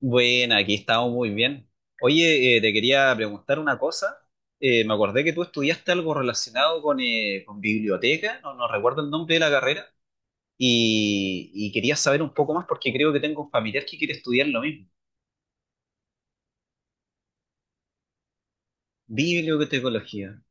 Bueno, aquí estamos muy bien. Oye, te quería preguntar una cosa. Me acordé que tú estudiaste algo relacionado con biblioteca, no recuerdo el nombre de la carrera, y quería saber un poco más porque creo que tengo un familiar que quiere estudiar lo mismo. Bibliotecología.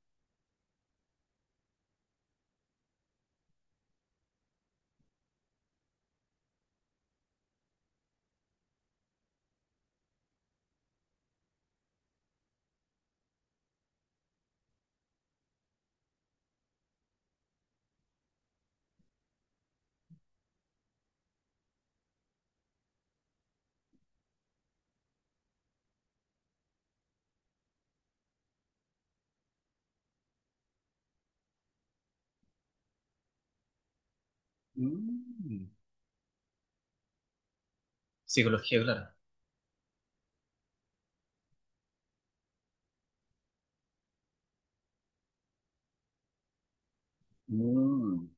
Mm, psicología, claro. Mm,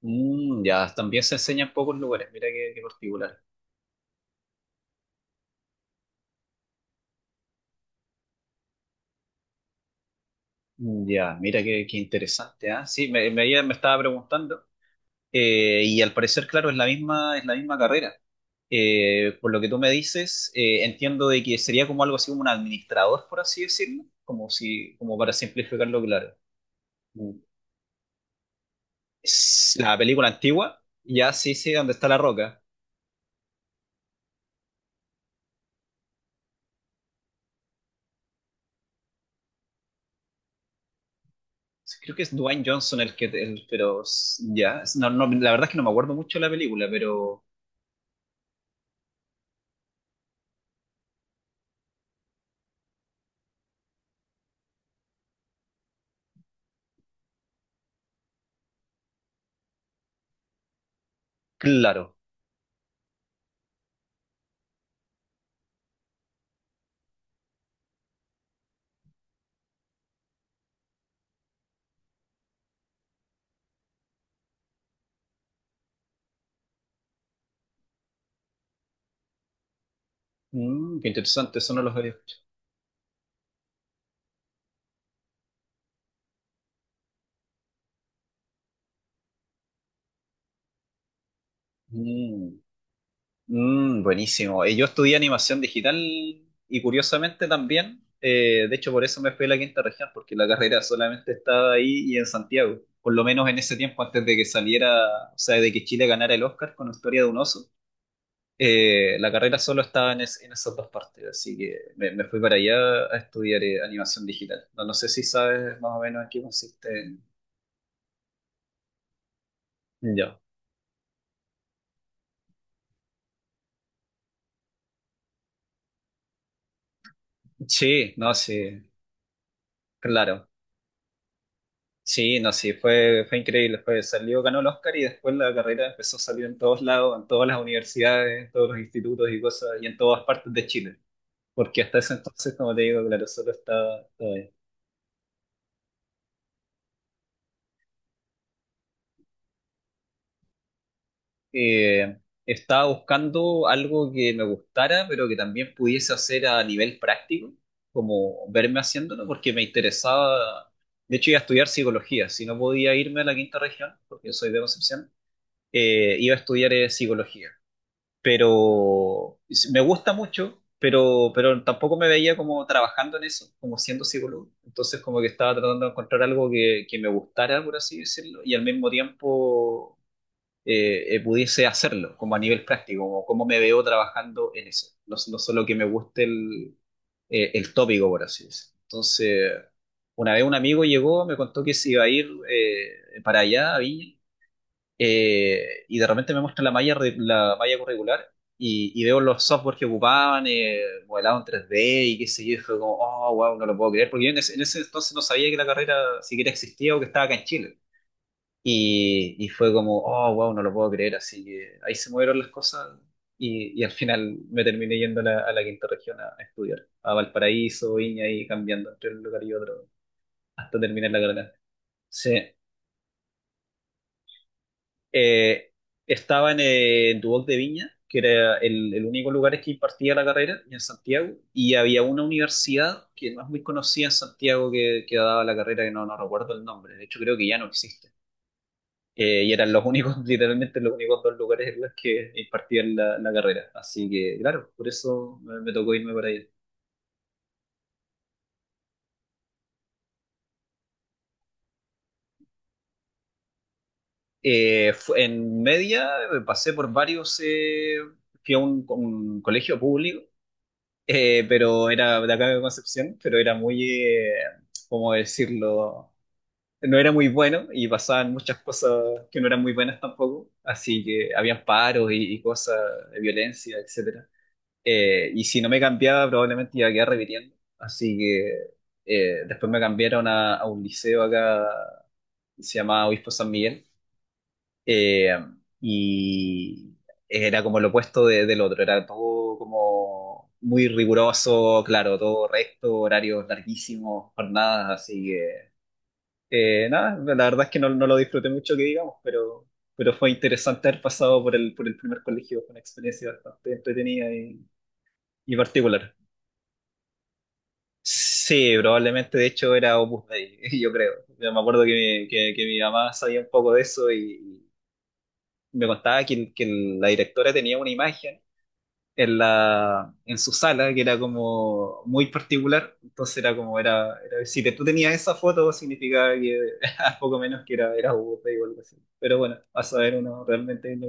mm, ya, también se enseña en pocos lugares, mira qué particular. Mm, Ya, mira qué interesante, ¿ah? Sí, me estaba preguntando. Y al parecer, claro, es la misma carrera. Por lo que tú me dices, entiendo de que sería como algo así como un administrador, por así decirlo, como si, como para simplificarlo, claro. Mm. Es la película antigua, ya sí sé dónde está la Roca. Sí, creo que es Dwayne Johnson el que, pero ya, no, no, la verdad es que no me acuerdo mucho de la película, pero claro. Mm, qué interesante, eso no lo había escuchado. Mm. Mm, buenísimo. Yo estudié animación digital y curiosamente también, de hecho por eso me fui a la quinta región, porque la carrera solamente estaba ahí y en Santiago, por lo menos en ese tiempo antes de que saliera, o sea, de que Chile ganara el Oscar con Historia de un Oso. La carrera solo estaba en, en esas dos partes, así que me fui para allá a estudiar animación digital. No, no sé si sabes más o menos en qué consiste. Ya. Sí, no, sí, claro. Sí, no, sí, fue, fue increíble. Fue, salió, ganó el Oscar y después la carrera empezó a salir en todos lados, en todas las universidades, en todos los institutos y cosas, y en todas partes de Chile. Porque hasta ese entonces, como te digo, claro, solo estaba ahí. Eh, Estaba buscando algo que me gustara, pero que también pudiese hacer a nivel práctico, como verme haciéndolo, porque me interesaba. De hecho, iba a estudiar psicología. Si no podía irme a la quinta región, porque yo soy de Concepción, iba a estudiar psicología, pero me gusta mucho, pero tampoco me veía como trabajando en eso, como siendo psicólogo. Entonces como que estaba tratando de encontrar algo que me gustara, por así decirlo, y al mismo tiempo pudiese hacerlo, como a nivel práctico, como cómo me veo trabajando en eso. No, no solo que me guste el tópico, por así decirlo. Entonces, una vez un amigo llegó, me contó que se iba a ir para allá, a Viña, y de repente me muestra la malla, la malla curricular y veo los software que ocupaban, modelado en 3D y qué sé yo, y fue como, oh, wow, no lo puedo creer, porque yo en en ese entonces no sabía que la carrera siquiera existía o que estaba acá en Chile. Y fue como, oh, wow, no lo puedo creer, así que ahí se movieron las cosas y al final me terminé yendo a a la quinta región a estudiar, a Valparaíso, Viña y cambiando entre un lugar y otro hasta terminar la carrera. Sí. eh, estaba en Duoc de Viña, que era el único lugar que impartía la carrera, y en Santiago, y había una universidad que no es muy conocida en Santiago que daba la carrera, que no recuerdo el nombre, de hecho creo que ya no existe. Y eran los únicos, literalmente los únicos dos lugares en los que impartían la carrera. Así que, claro, por eso me tocó irme para allá. En media pasé por varios, fui a un colegio público. Pero era de acá de Concepción, pero era muy, ¿cómo decirlo? No era muy bueno y pasaban muchas cosas que no eran muy buenas tampoco, así que habían paros y cosas de violencia, etcétera. Y si no me cambiaba, probablemente iba a quedar repitiendo, así que después me cambiaron a un liceo acá, se llamaba Obispo San Miguel, eh, y era como lo opuesto del otro, era todo como muy riguroso, claro, todo recto, horarios larguísimos, jornadas, así que nada, la verdad es que no lo disfruté mucho que digamos, pero fue interesante haber pasado por por el primer colegio, fue una experiencia bastante entretenida y particular. Sí, probablemente de hecho era Opus Dei, yo creo. Yo me acuerdo que que mi mamá sabía un poco de eso y me contaba que la directora tenía una imagen en en su sala que era como muy particular, entonces era como, si tú tenías esa foto significaba que poco menos que era Buda o algo así. Pero bueno, a saber uno realmente. Lo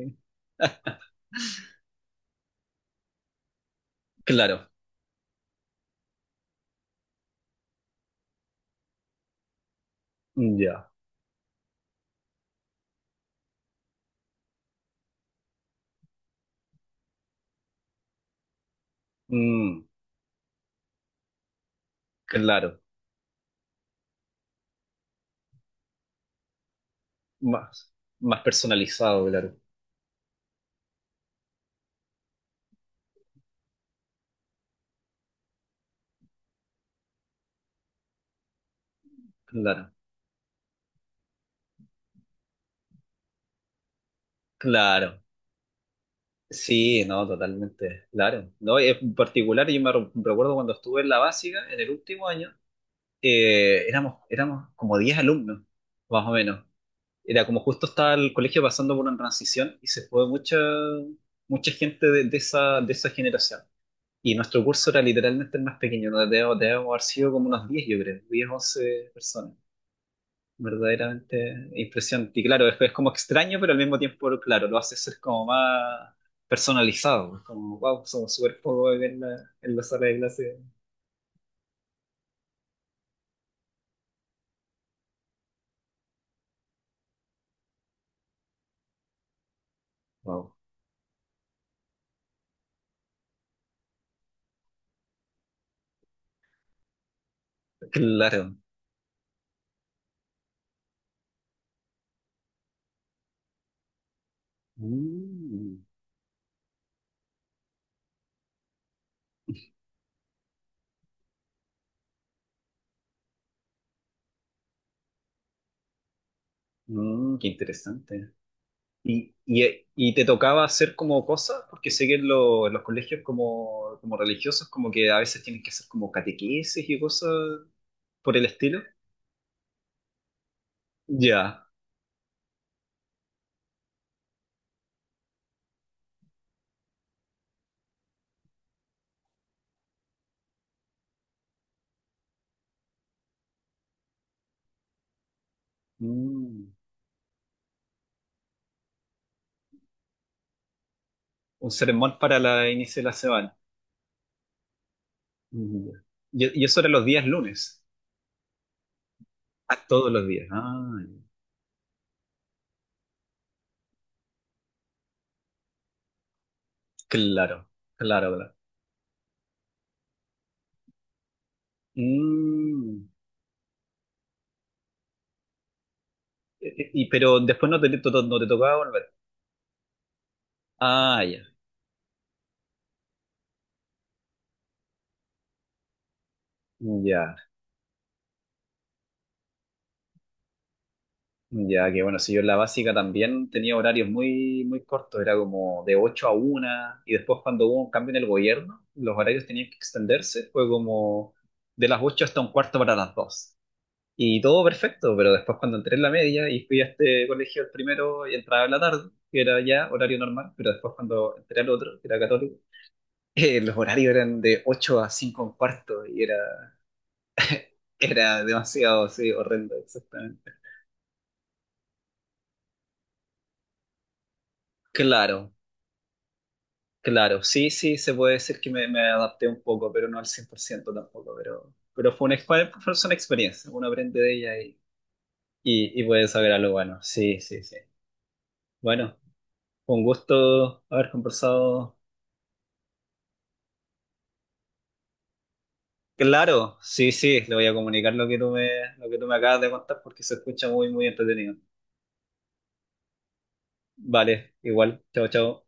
claro, ya, Mm, claro, más, más personalizado, claro, claro, claro. Sí, no, totalmente, claro. No, en particular yo recuerdo cuando estuve en la básica, en el último año, éramos como 10 alumnos, más o menos. Era como justo estaba el colegio pasando por una transición y se fue mucha, mucha gente de de esa generación. Y nuestro curso era literalmente el más pequeño, no debemos haber sido como unos 10 yo creo, 10, 11 personas. Verdaderamente impresionante. Y claro, es como extraño, pero al mismo tiempo, claro, lo hace ser como más personalizado. Es como, wow, somos súper pocos en en la sala de clase. Wow, claro. Mm. Mm, qué interesante. Y te tocaba hacer como cosas? Porque sé que en, en los colegios como, como religiosos como que a veces tienes que hacer como catequesis y cosas por el estilo. Ya. Mm, un sermón para la inicio de la semana. Mm, ya. Y eso era los días lunes. Ah, todos los días. Ah, ya, claro, claro, claro. Mm, pero después no no te tocaba volver. Ah, ya. Ya. Ya que bueno, si yo en la básica también tenía horarios muy, muy cortos, era como de 8 a una y después cuando hubo un cambio en el gobierno, los horarios tenían que extenderse, fue como de las 8 hasta un cuarto para las dos. Y todo perfecto, pero después cuando entré en la media y fui a este colegio el primero y entraba en la tarde, que era ya horario normal, pero después cuando entré al otro, que era católico, los horarios eran de 8 a 5 un cuarto y era demasiado, sí, horrendo, exactamente. Claro, claro, sí, sí, se puede decir que me adapté un poco, pero no al 100% tampoco, pero fue una, fue una experiencia, uno aprende de ella y puede saber algo bueno, sí, sí, sí. Bueno, con gusto haber conversado. Claro, sí, sí, le voy a comunicar lo que lo que tú me acabas de contar porque se escucha muy, muy entretenido. Vale, igual, chao, chao.